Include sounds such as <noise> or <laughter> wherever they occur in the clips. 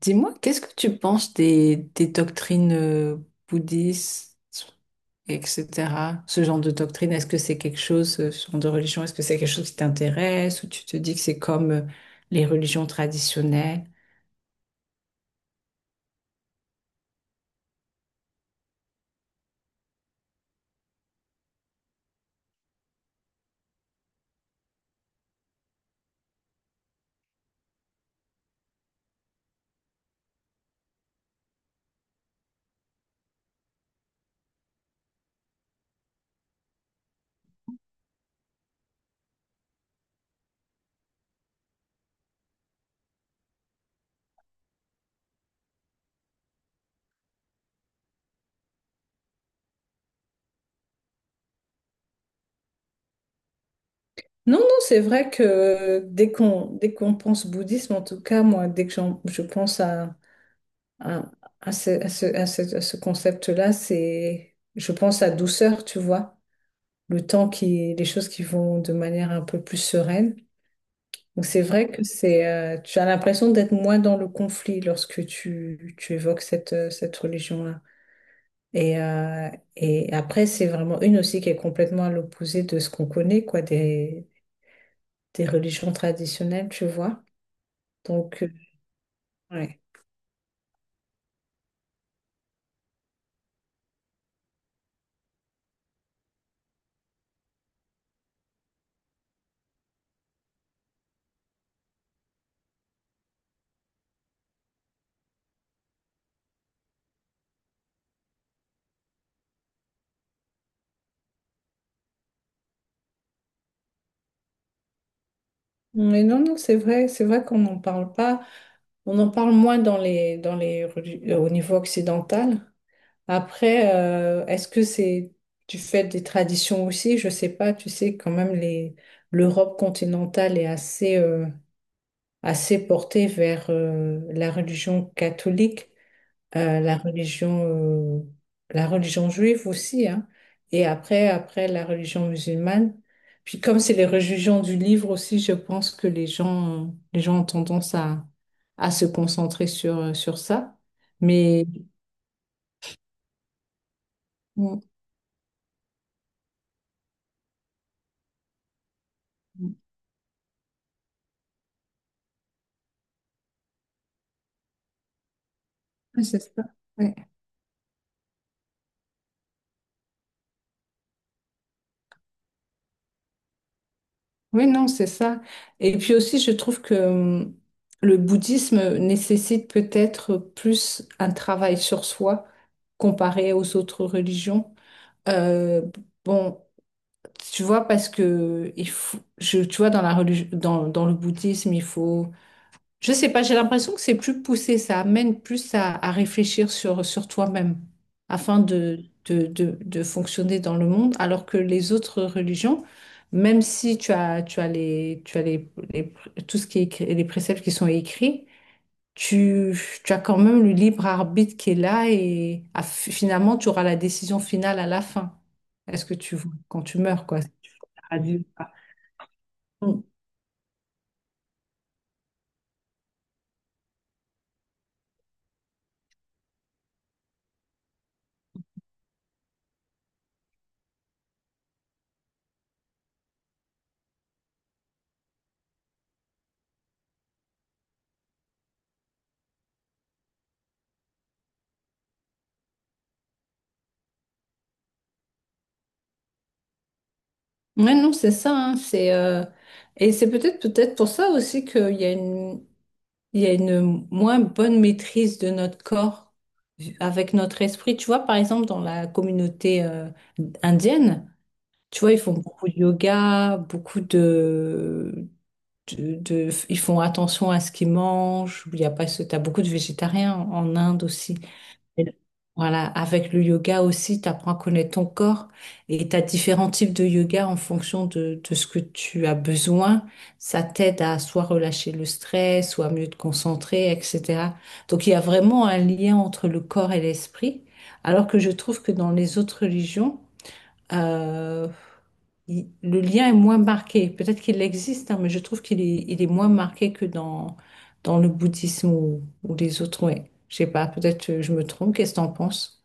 Dis-moi, qu'est-ce que tu penses des doctrines bouddhistes, etc. Ce genre de doctrine, est-ce que c'est quelque chose, ce genre de religion, est-ce que c'est quelque chose qui t'intéresse ou tu te dis que c'est comme les religions traditionnelles? Non, non, c'est vrai que dès qu'on pense bouddhisme, en tout cas, moi, je pense à, à ce concept-là, je pense à douceur, tu vois, le temps les choses qui vont de manière un peu plus sereine. Donc c'est vrai que tu as l'impression d'être moins dans le conflit lorsque tu évoques cette, cette religion-là. Et, après, c'est vraiment une aussi qui est complètement à l'opposé de ce qu'on connaît, quoi, des religions traditionnelles, tu vois. Donc, euh, ouais. Mais non, non, c'est vrai qu'on n'en parle pas. On en parle moins dans les, au niveau occidental. Après, est-ce que c'est tu fais des traditions aussi? Je sais pas. Tu sais quand même les l'Europe continentale est assez assez portée vers la religion catholique, euh, la religion euh, la religion juive aussi, hein. Et après la religion musulmane. Puis comme c'est les religions du livre aussi, je pense que les gens ont tendance à se concentrer sur sur ça. Mais mm. Ouais, c'est ça. Ouais. Oui, non, c'est ça. Et puis aussi, je trouve que le bouddhisme nécessite peut-être plus un travail sur soi comparé aux autres religions. Euh, bon, tu vois, parce que il faut, tu vois, dans la religion, dans, dans le bouddhisme, il faut je sais pas, j'ai l'impression que c'est plus poussé, ça amène plus à réfléchir sur, sur toi-même afin de fonctionner dans le monde, alors que les autres religions, même si tu as, tu as les, tout ce qui est écrit, les préceptes qui sont écrits, tu, tu as quand même le libre arbitre qui est là et finalement tu auras la décision finale à la fin. Est-ce que tu, quand tu meurs, quoi, c'est paradis ou pas. Ouais, non, c'est ça, hein, c'est et c'est peut-être pour ça aussi qu'il y a une il y a une moins bonne maîtrise de notre corps avec notre esprit. Tu vois, par exemple, dans la communauté indienne, tu vois, ils font beaucoup de yoga, beaucoup de, ils font attention à ce qu'ils mangent. Il y a pas ce, t'as beaucoup de végétariens en Inde aussi. Et le- Voilà, avec le yoga aussi, tu apprends à connaître ton corps et tu as différents types de yoga en fonction de ce que tu as besoin. Ça t'aide à soit relâcher le stress, soit mieux te concentrer, etc. Donc il y a vraiment un lien entre le corps et l'esprit, alors que je trouve que dans les autres religions, euh, le lien est moins marqué. Peut-être qu'il existe, hein, mais je trouve qu'il est, il est moins marqué que dans, dans le bouddhisme ou les autres. Ouais. Je sais pas, peut-être je me trompe. Qu'est-ce que t'en penses?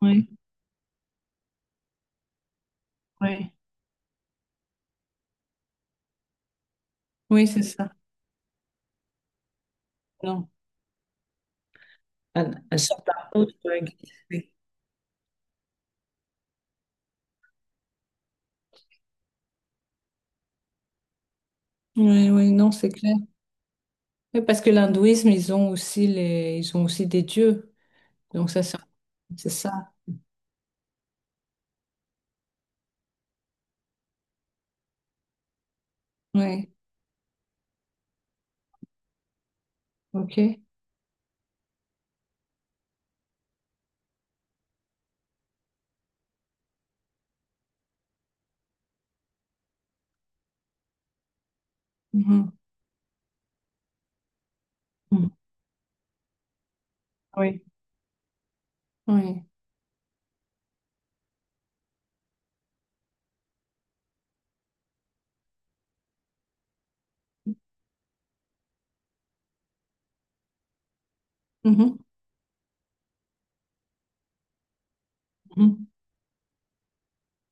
Oui, oui, oui, c'est ça. Non. À, à certains points, tu glisser. Oui, oui, non, c'est clair. Oui, parce que l'hindouisme, ils ont aussi les, ils ont aussi des dieux. Donc ça, c'est ça. Oui, ok. Mhm. Mhm. Oui, oui. Mhm. Mhm.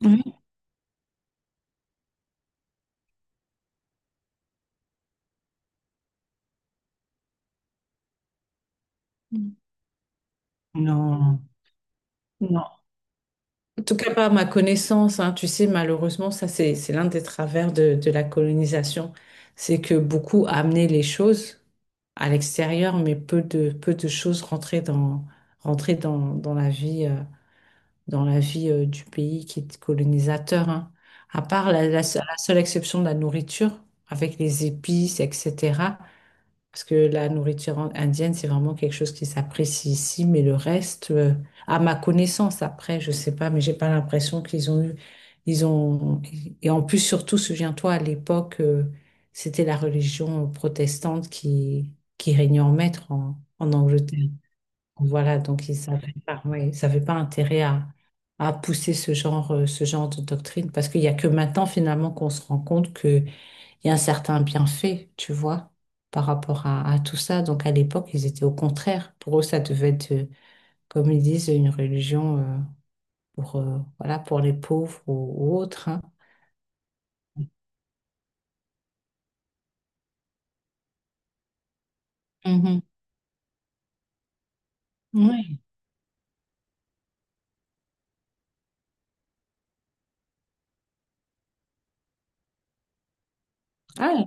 Oui. Mhm. Non. Non. En tout cas, pas à ma connaissance, hein. Tu sais, malheureusement, ça, c'est l'un des travers de la colonisation. C'est que beaucoup a amené les choses à l'extérieur, mais peu de choses rentraient dans, dans la vie du pays qui est colonisateur, hein. À part la, la seule exception de la nourriture, avec les épices, etc. Parce que la indienne, c'est vraiment quelque chose qui s'apprécie ici, mais le reste, à ma connaissance, après, je sais pas, mais j'ai pas l'impression qu'ils ont eu, ils ont, et en plus, surtout, souviens-toi, à l'époque, c'était la religion protestante qui régnait en maître en, en Angleterre. Voilà, donc ils savaient pas, ouais, ils savaient pas intérêt à pousser ce genre de doctrine, parce qu'il y a que maintenant, finalement, qu'on se rend compte que il y a un certain bienfait, tu vois, par rapport à tout ça. Donc à l'époque, ils étaient au contraire. Pour eux, ça devait être, comme ils disent, une religion pour, voilà, pour les pauvres ou autres, hein. Mhm. Oui. Ah,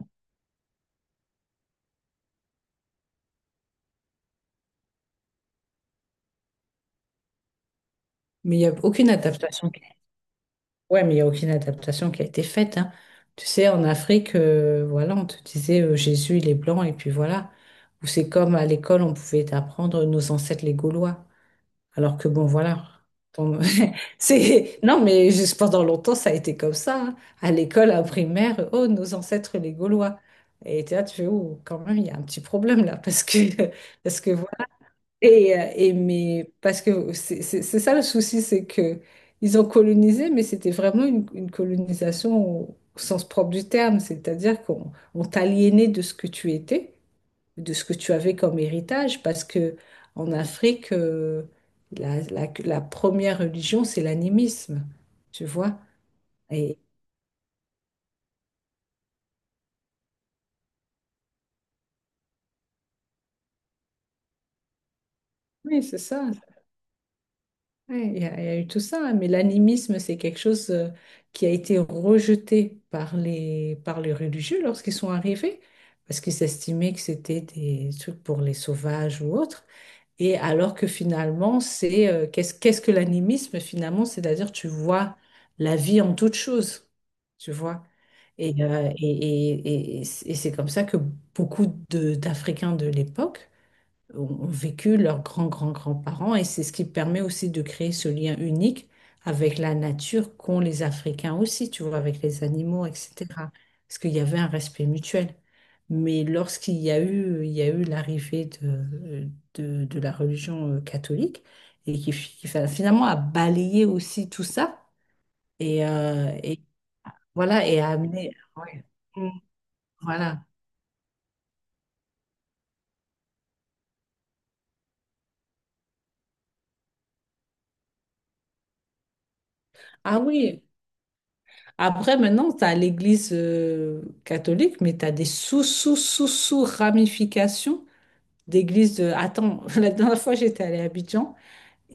mais il n'y a aucune adaptation ouais, mais il y a aucune adaptation qui a été faite, hein. Tu sais, en Afrique, voilà, on te disait Jésus, il est blanc, et puis voilà. Ou c'est comme à l'école, on pouvait apprendre nos ancêtres les Gaulois. Alors que bon, voilà. Ton- <laughs> C'est... Non, mais juste pendant longtemps, ça a été comme ça, hein. À l'école, à primaire, oh, nos ancêtres, les Gaulois. Et t'es là, tu fais, oh, quand même, il y a un petit problème là, parce que, <laughs> parce que voilà. Et mais, parce que c'est ça le souci, c'est que ils ont colonisé, mais c'était vraiment une colonisation au, au sens propre du terme, c'est-à-dire qu'on on t'aliénait de ce que tu étais de ce que tu avais comme héritage, parce que en Afrique, la, la première religion, c'est l'animisme, tu vois. Et, oui, c'est ça. Ouais, il y a, il y a eu tout ça, hein, mais l'animisme, c'est quelque chose qui a été rejeté par les religieux lorsqu'ils sont arrivés, parce qu'ils estimaient que c'était des trucs pour les sauvages ou autres. Et alors que finalement, c'est qu'est-ce que l'animisme finalement? C'est-à-dire tu vois la vie en toute chose, tu vois. Et, et c'est comme ça que d'Africains de l'époque ont vécu leurs grands-grands-grands-parents et c'est ce qui permet aussi de créer ce lien unique avec la nature qu'ont les Africains aussi, tu vois, avec les animaux, etc. Parce qu'il y avait un respect mutuel. Mais lorsqu'il y a eu, il y a eu l'arrivée de la religion catholique et qui, finalement a balayé aussi tout ça et voilà et a amené ouais. Mm. Voilà. Ah oui. Après, maintenant, tu as l'Église catholique, mais tu as des sous, sous, sous, sous ramifications d'églises. De... Attends, <laughs> la dernière fois, j'étais allée à Abidjan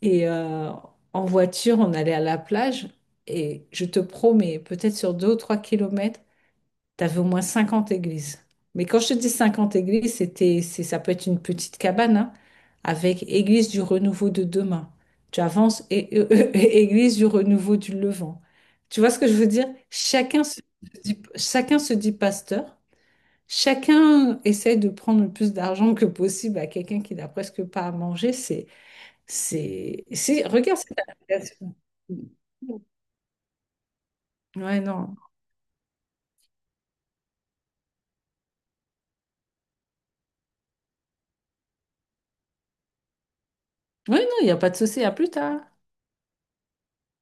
et en voiture, on allait à la plage et je te promets, peut-être sur 2 ou 3 kilomètres, t'avais au moins 50 églises. Mais quand je te dis 50 églises, c'était, c'est, ça peut être une petite cabane, hein, avec Église du renouveau de demain. Tu avances et, <laughs> Église du renouveau du Levant. Tu vois ce que je veux dire? Chacun se dit pasteur. Chacun essaie de prendre le plus d'argent que possible à quelqu'un qui n'a presque pas à manger. C'est, regarde cette application. Ouais, non. Ouais, non, il n'y a pas de souci. À plus tard.